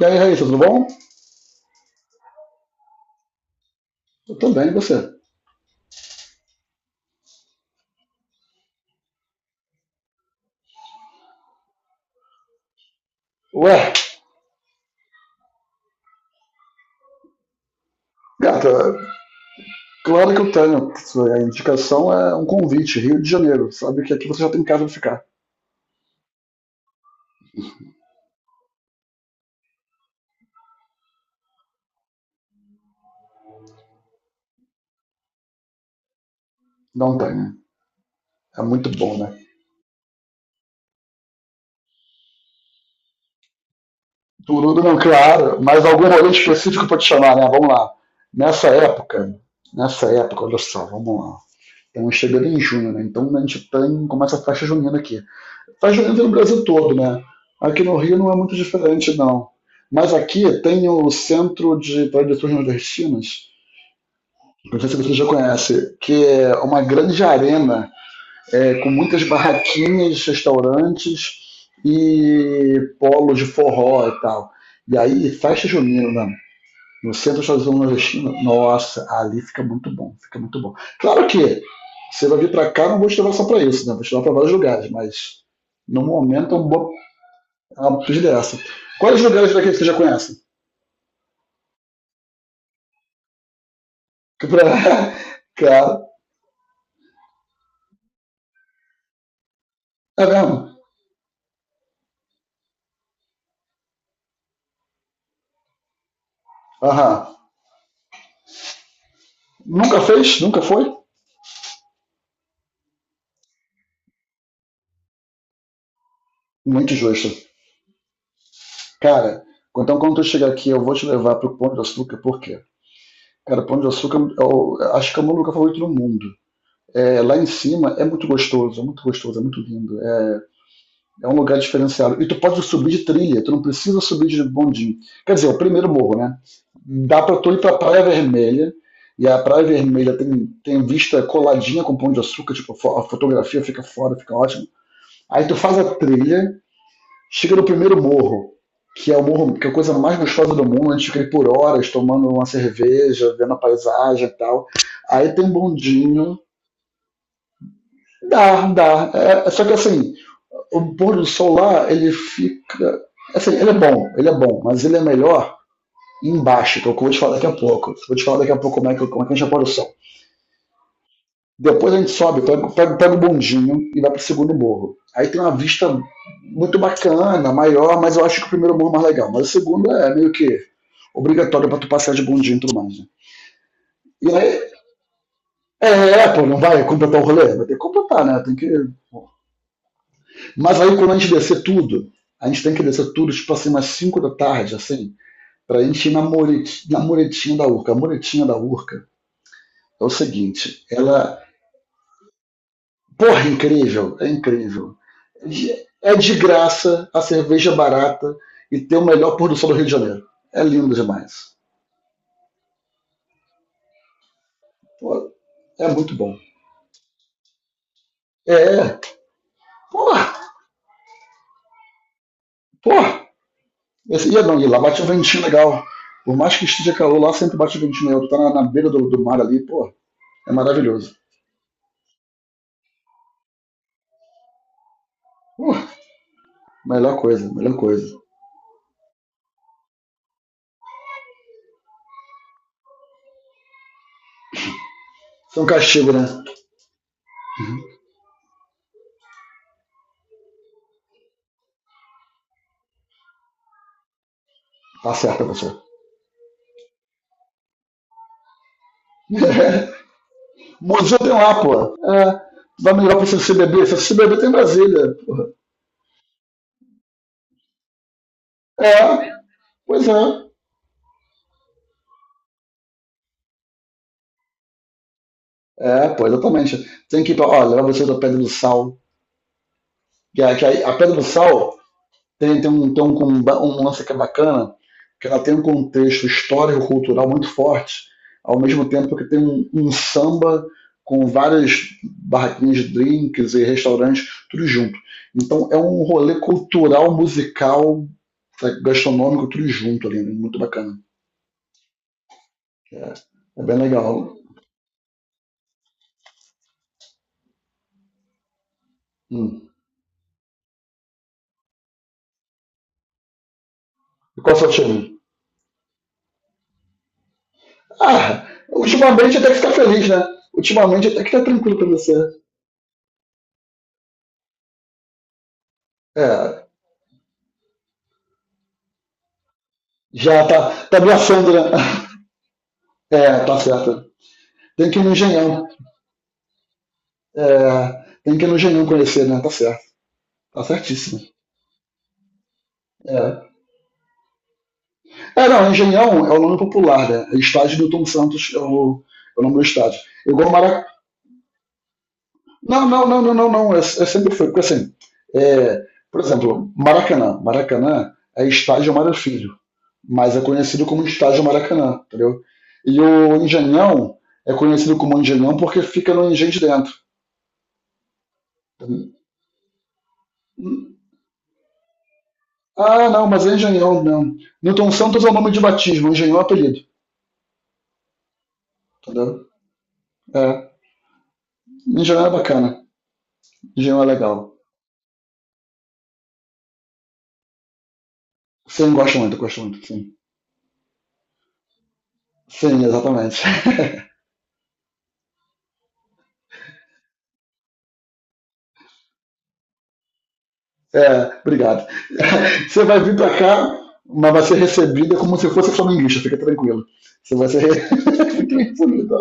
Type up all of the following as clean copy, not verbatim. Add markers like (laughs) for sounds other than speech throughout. E aí, Raíssa, tudo bom? Eu também, e você? Ué, gata, claro que eu tenho. A indicação é um convite, Rio de Janeiro. Sabe que aqui você já tem casa pra ficar. Não tem, né? É muito bom, né? Turudo não, claro, mas algum rolante específico pra te chamar, né? Vamos lá. Nessa época, nessa época, olha só, vamos lá. Estamos chegando em junho, né? Então a gente começa a festa junina aqui. Festa junina tem no Brasil todo, né? Aqui no Rio não é muito diferente, não. Mas aqui tem o Centro de Tradições Nordestinas, não sei se você já conhece, que é uma grande arena com muitas barraquinhas, restaurantes e polos de forró e tal. E aí, festa junina né? No centro dos Estados Unidos nordestino, nossa, ali fica muito bom, fica muito bom. Claro que você vai vir para cá, não vou te levar só para isso, né? Vou te levar para vários lugares, mas no momento é uma boa é uma dessa. Quais lugares daqui que você já conhece? Que pra... (laughs) Cara, é mesmo? Aham. Nunca fez? Nunca foi? Muito justo. Cara, então quando tu chegar aqui, eu vou te levar pro Pão de Açúcar, por quê? Cara, Pão de Açúcar, eu acho que é o meu lugar favorito no mundo. É, lá em cima é muito gostoso, é muito gostoso, é muito lindo. É, é um lugar diferenciado. E tu pode subir de trilha, tu não precisa subir de bondinho. Quer dizer, o primeiro morro, né? Dá pra tu ir pra Praia Vermelha, e a Praia Vermelha tem vista coladinha com Pão de Açúcar, tipo, a fotografia fica fora, fica ótimo. Aí tu faz a trilha, chega no primeiro morro, que é o morro, que é a coisa mais gostosa do mundo, a gente fica aí por horas tomando uma cerveja, vendo a paisagem e tal. Aí tem um bondinho. Dá, dá. É, é, só que assim, o pôr do sol lá, ele fica. Assim, ele é bom, mas ele é melhor embaixo, que é o que eu vou te falar daqui a pouco. Vou te falar daqui a pouco como é que a gente apoia o sol. Depois a gente sobe, pega o bondinho e vai para o segundo morro. Aí tem uma vista muito bacana, maior, mas eu acho que o primeiro morro é mais legal. Mas o segundo é meio que obrigatório para tu passar de bondinho e tudo mais. Né? E aí, pô, não vai completar o rolê? Vai ter que completar, né? Tem que... Mas aí quando a gente descer tudo, a gente tem que descer tudo, tipo assim, umas 5 da tarde, assim, pra gente ir na muretinha da Urca. A muretinha da Urca é o seguinte, ela. Porra, é incrível, é incrível. É de graça, a cerveja é barata e tem o melhor pôr do sol do Rio de Janeiro. É lindo demais. Porra, é muito bom. É, porra, porra. Esse, ia não, ia lá, bate um ventinho legal. Por mais que esteja calor, lá sempre bate um ventinho legal. Tu tá na beira do mar ali, porra, é maravilhoso. Porra, melhor coisa, melhor coisa. Isso é um castigo, né? Tá certo, professor. (laughs) É. Museu tem lá, porra. É vai melhor para você se beber. Se você se beber, tem Brasília. Porra. É, pois é. É, pois exatamente. Tem que ir pra, ó, levar vocês pra Pedra do Sal. Que a Pedra do Sal tem um lance que é bacana, que ela tem um contexto histórico-cultural muito forte, ao mesmo tempo que tem um samba com várias barraquinhas de drinks e restaurantes, tudo junto. Então é um rolê cultural, musical, sabe, gastronômico, tudo junto ali, né? Muito bacana. É, é bem legal. Hum. E qual é o seu time? Ah, ultimamente até que ficar feliz, né? Ultimamente até que tá tranquilo pra você. É, já tá abraçando, né? (laughs) É, tá certo. Tem que ir no Engenhão. É, tem que ir no Engenhão conhecer, né? Tá certo. Tá certíssimo. É, é não, Engenhão é o nome popular, né? É Estádio do Tom Santos é o, nome do estádio. Igual Maracanã. Não, não, não, não, não, não. É, é sempre foi. Porque assim, é, por exemplo, Maracanã. Maracanã é estádio Mário Filho, mas é conhecido como Estádio Maracanã, entendeu? E o Engenhão é conhecido como Engenhão porque fica no engenho de dentro. Ah, não, mas é Engenhão mesmo. Newton Santos é o nome de batismo, Engenhão é apelido, entendeu? É, Engenhão é bacana, Engenhão é legal. Sim, gosto muito, sim. Sim, exatamente. (laughs) Obrigado. Você vai vir pra cá, mas vai ser recebida como se fosse flamenguista, fica tranquilo. Você vai ser. (laughs) Fica tranquilo.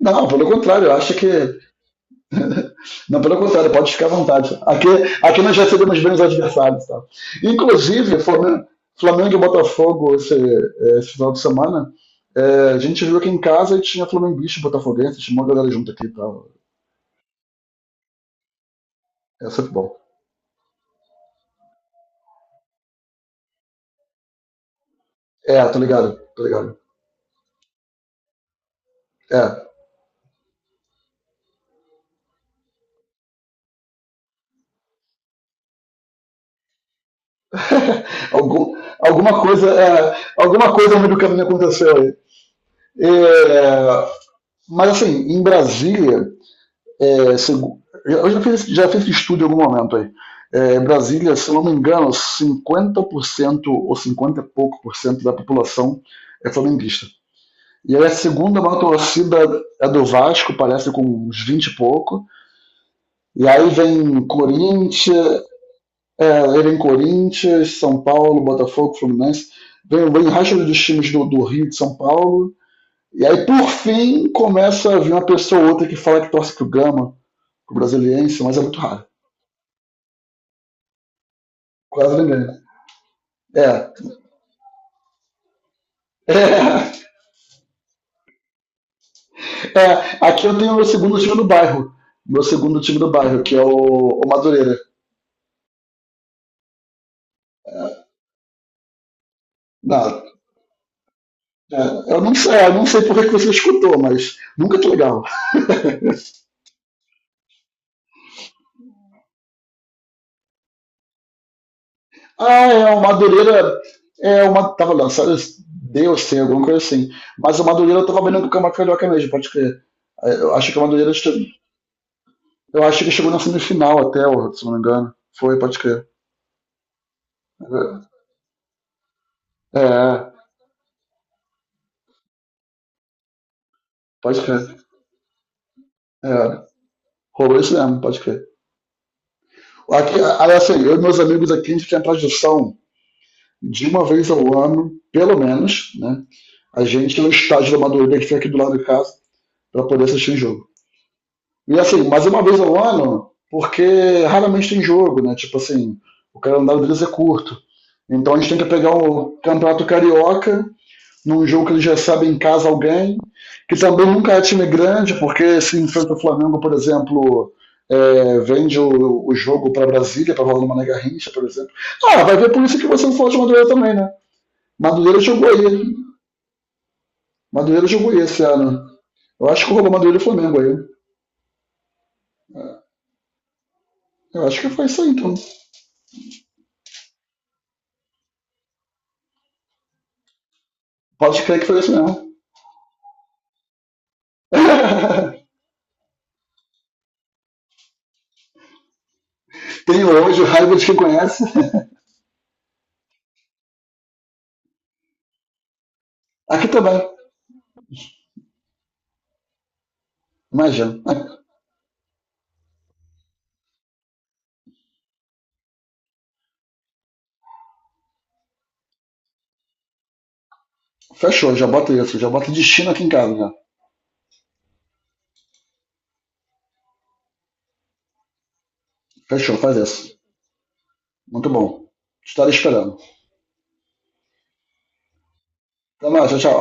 Não, pelo contrário, eu acho que. Não, pelo contrário, pode ficar à vontade. Aqui, nós recebemos bem os adversários. Tá? Inclusive, Flamengo e Botafogo esse final de semana, a gente viu aqui em casa e tinha flamenguista e botafoguense, tinha uma galera junto aqui tá? tal. É futebol. É, tô ligado, tô ligado. É, algum, alguma coisa no meio do caminho aconteceu aí. É, mas assim, em Brasília, É, segu- eu já fiz estudo em algum momento aí. É, Brasília, se eu não me engano, 50% ou 50 e pouco por cento da população é flamenguista. E aí a segunda maior torcida é do Vasco, parece com uns 20 e pouco. E aí vem Corinthians, São Paulo, Botafogo, Fluminense. Vem o resto dos times do Rio de São Paulo. E aí, por fim, começa a vir uma pessoa ou outra que fala que torce pro Gama, pro Brasiliense, mas é muito raro. Quase ninguém. É. (laughs) É, é. Aqui eu tenho o meu segundo time do bairro. Meu segundo time do bairro, que é o Madureira. Não, eu não sei por que que você escutou, mas nunca que legal. Ah, o Madureira é uma. Tava lançado Deus tem alguma coisa assim. Mas o Madureira tava vendendo com o Carioca mesmo, pode crer. É, Eu acho que o Madureira. Eu acho que chegou na semifinal até, ó, se não me engano. Foi, pode crer. É, é, pode crer. É, rolou isso mesmo, pode crer. Aqui, assim, eu e meus amigos aqui, a gente tem a tradição de uma vez ao ano, pelo menos, né? A gente ir no estádio do Madureira que fica aqui do lado de casa para poder assistir o jogo. E assim, mas uma vez ao ano, porque raramente tem jogo, né? Tipo assim, o calendário deles é curto. Então a gente tem que pegar o Campeonato Carioca num jogo que ele recebe em casa alguém, que também nunca é time grande, porque se enfrenta o Flamengo, por exemplo, vende o jogo para Brasília, para rolar no Mané Garrincha, por exemplo. Ah, vai ver por isso que você não falou de Madureira também, né? Madureira jogou aí. Madureira jogou aí esse ano. Eu acho que roubou Madureira e Flamengo aí. Eu acho que foi isso aí, então. Pode crer que foi isso mesmo. (laughs) Tenho hoje o raiva de quem conhece. (laughs) Aqui também. Imagina. Fechou, já bota isso. Já bota destino aqui em casa. Já. Fechou, faz isso. Muito bom. Estarei esperando. Até mais, tchau, tchau.